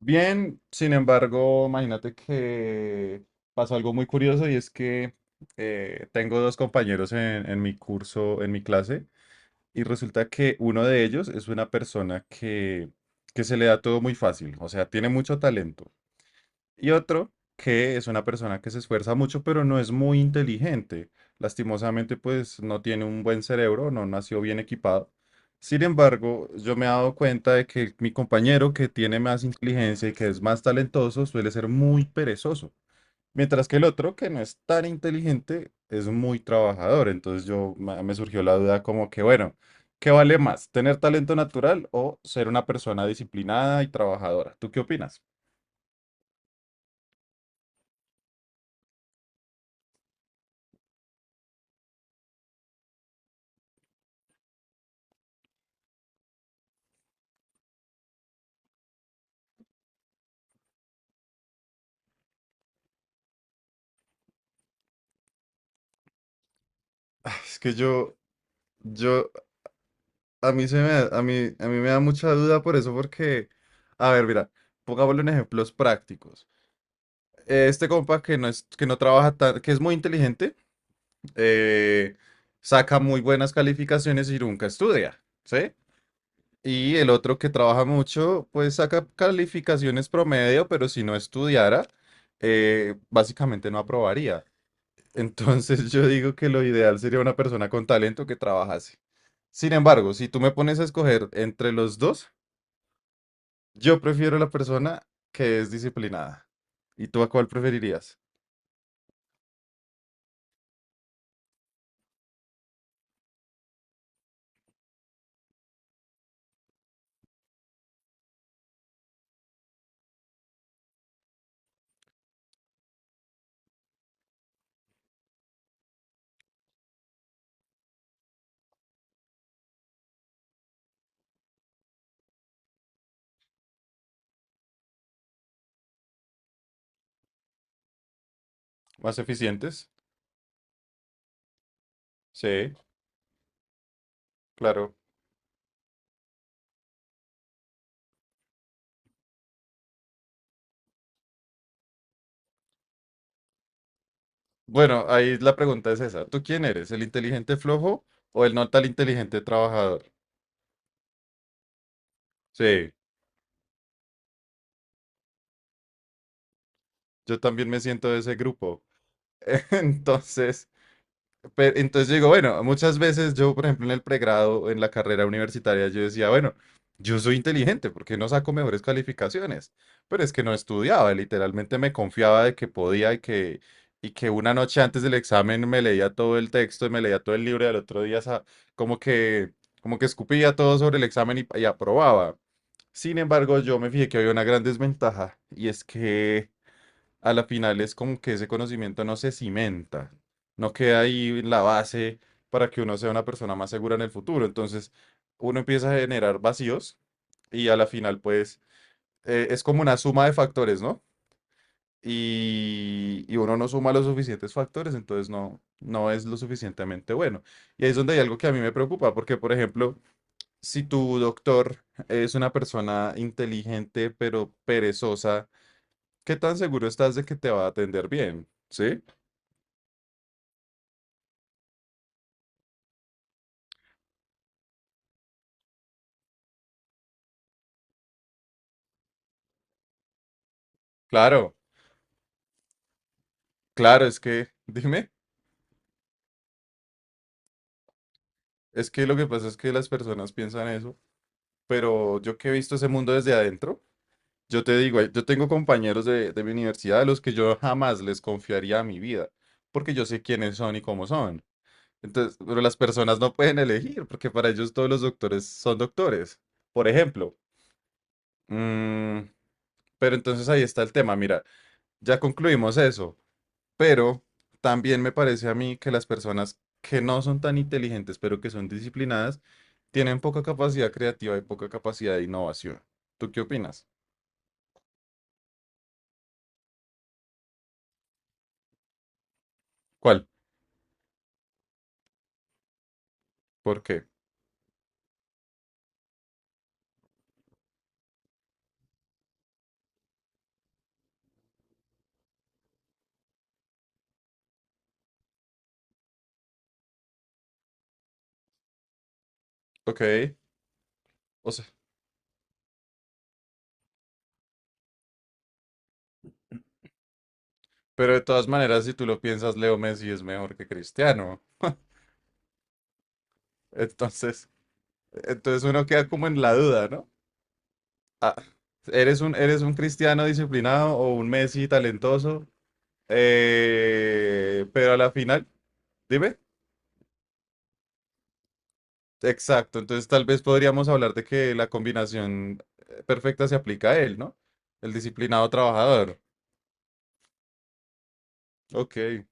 Bien, sin embargo, imagínate que pasó algo muy curioso y es que tengo dos compañeros en mi curso, en mi clase, y resulta que uno de ellos es una persona que se le da todo muy fácil, o sea, tiene mucho talento. Y otro que es una persona que se esfuerza mucho, pero no es muy inteligente. Lastimosamente, pues no tiene un buen cerebro, no nació bien equipado. Sin embargo, yo me he dado cuenta de que mi compañero que tiene más inteligencia y que es más talentoso suele ser muy perezoso, mientras que el otro que no es tan inteligente es muy trabajador. Entonces me surgió la duda como que, bueno, ¿qué vale más? ¿Tener talento natural o ser una persona disciplinada y trabajadora? ¿Tú qué opinas? Ah, es que yo, a mí me da mucha duda por eso, porque, a ver, mira, pongámosle en ejemplos prácticos. Este compa que no es, que no trabaja tan, que es muy inteligente, eh, saca muy buenas calificaciones y nunca estudia, ¿sí? Y el otro que trabaja mucho, pues saca calificaciones promedio, pero si no estudiara, básicamente no aprobaría. Entonces yo digo que lo ideal sería una persona con talento que trabajase. Sin embargo, si tú me pones a escoger entre los dos, yo prefiero la persona que es disciplinada. ¿Y tú a cuál preferirías? ¿Más eficientes? Sí, claro. Bueno, ahí la pregunta es esa. ¿Tú quién eres? ¿El inteligente flojo o el no tan inteligente trabajador? Sí, yo también me siento de ese grupo. Entonces, entonces yo digo, bueno, muchas veces yo, por ejemplo, en el pregrado, en la carrera universitaria, yo decía, bueno, yo soy inteligente, ¿por qué no saco mejores calificaciones? Pero es que no estudiaba, literalmente me confiaba de que podía y que una noche antes del examen me leía todo el texto y me leía todo el libro y al otro día como que, como que escupía todo sobre el examen y aprobaba. Sin embargo, yo me fijé que había una gran desventaja y es que a la final es como que ese conocimiento no se cimenta, no queda ahí la base para que uno sea una persona más segura en el futuro. Entonces, uno empieza a generar vacíos y a la final, pues, es como una suma de factores, ¿no? Y uno no suma los suficientes factores, entonces no es lo suficientemente bueno. Y ahí es donde hay algo que a mí me preocupa, porque, por ejemplo, si tu doctor es una persona inteligente pero perezosa, ¿qué tan seguro estás de que te va a atender bien? ¿Sí? Claro, claro, es que, dime, es que lo que pasa es que las personas piensan eso, pero yo que he visto ese mundo desde adentro, yo te digo, yo tengo compañeros de mi universidad a los que yo jamás les confiaría mi vida, porque yo sé quiénes son y cómo son. Entonces, pero las personas no pueden elegir, porque para ellos todos los doctores son doctores, por ejemplo. Mm, pero entonces ahí está el tema, mira, ya concluimos eso. Pero también me parece a mí que las personas que no son tan inteligentes, pero que son disciplinadas, tienen poca capacidad creativa y poca capacidad de innovación. ¿Tú qué opinas? ¿Cuál? ¿Por qué? Ok, o sea, pero de todas maneras, si tú lo piensas, Leo Messi es mejor que Cristiano. Entonces, entonces uno queda como en la duda, ¿no? Ah, eres un cristiano disciplinado o un Messi talentoso? Pero a la final, dime. Exacto, entonces tal vez podríamos hablar de que la combinación perfecta se aplica a él, ¿no? El disciplinado trabajador. Ok.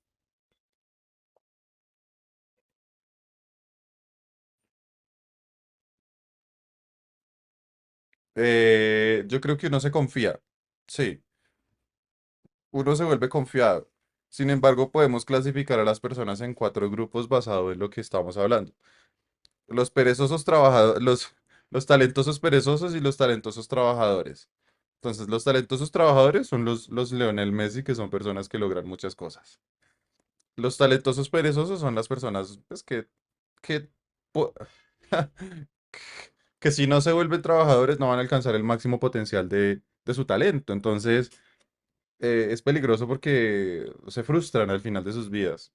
Yo creo que uno se confía. Sí, uno se vuelve confiado. Sin embargo, podemos clasificar a las personas en cuatro grupos basado en lo que estamos hablando. Los perezosos trabajadores, los talentosos perezosos y los talentosos trabajadores. Entonces, los talentosos trabajadores son los Lionel Messi, que son personas que logran muchas cosas. Los talentosos perezosos son las personas pues, que, po- que si no se vuelven trabajadores no van a alcanzar el máximo potencial de su talento. Entonces es peligroso porque se frustran al final de sus vidas.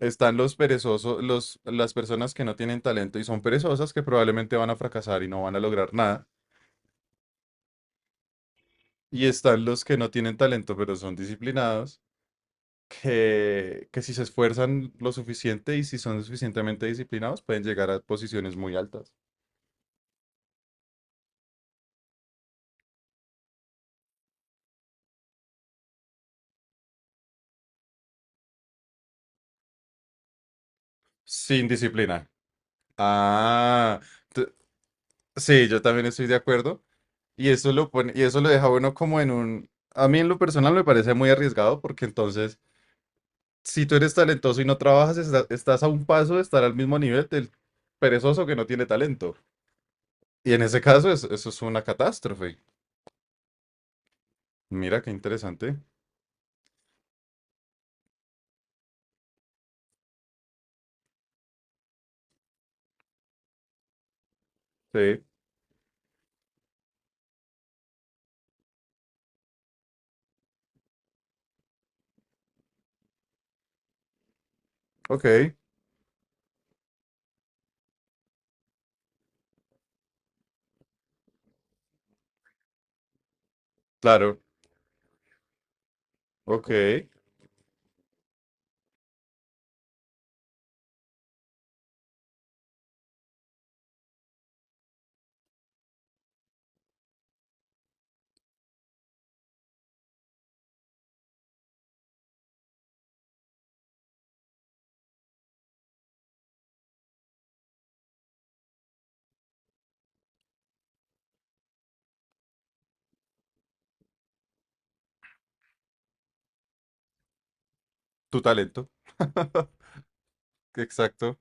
Están los perezosos, las personas que no tienen talento y son perezosas que probablemente van a fracasar y no van a lograr nada. Y están los que no tienen talento pero son disciplinados, que si se esfuerzan lo suficiente y si son suficientemente disciplinados pueden llegar a posiciones muy altas. Sin disciplina. Ah, t- sí, yo también estoy de acuerdo. Y eso lo pone, y eso lo deja bueno como en un. A mí en lo personal me parece muy arriesgado porque entonces, si tú eres talentoso y no trabajas, estás a un paso de estar al mismo nivel del perezoso que no tiene talento. Y en ese caso, eso es una catástrofe. Mira qué interesante. Sí, ok, claro, ok. Tu talento, exacto.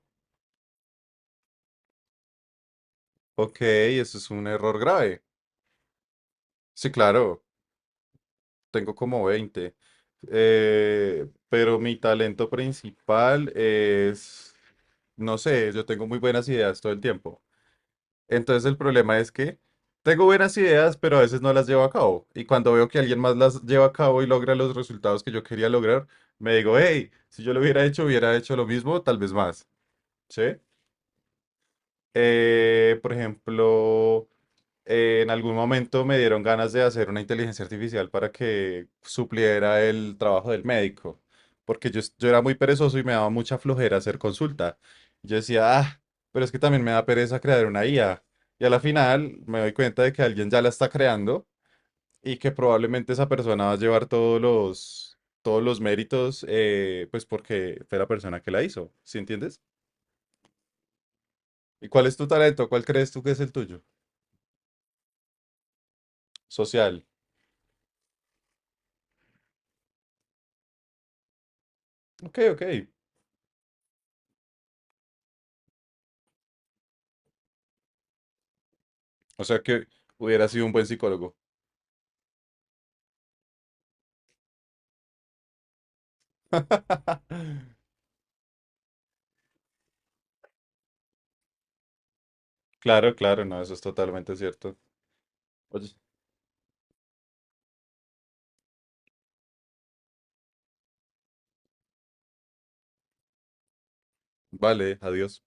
Ok, eso es un error grave. Sí, claro. Tengo como 20. Pero mi talento principal es, no sé, yo tengo muy buenas ideas todo el tiempo. Entonces el problema es que tengo buenas ideas, pero a veces no las llevo a cabo. Y cuando veo que alguien más las lleva a cabo y logra los resultados que yo quería lograr, me digo, hey, si yo lo hubiera hecho lo mismo, tal vez más. ¿Sí? Por ejemplo en algún momento me dieron ganas de hacer una inteligencia artificial para que supliera el trabajo del médico, porque yo era muy perezoso y me daba mucha flojera hacer consulta. Yo decía, ah, pero es que también me da pereza crear una IA. Y a la final me doy cuenta de que alguien ya la está creando y que probablemente esa persona va a llevar todos los méritos, pues porque fue la persona que la hizo, ¿sí entiendes? ¿Y cuál es tu talento? ¿Cuál crees tú que es el tuyo? Social. Ok, ok. O sea que hubiera sido un buen psicólogo. Claro, claro, no, eso es totalmente cierto. Oye, vale, adiós.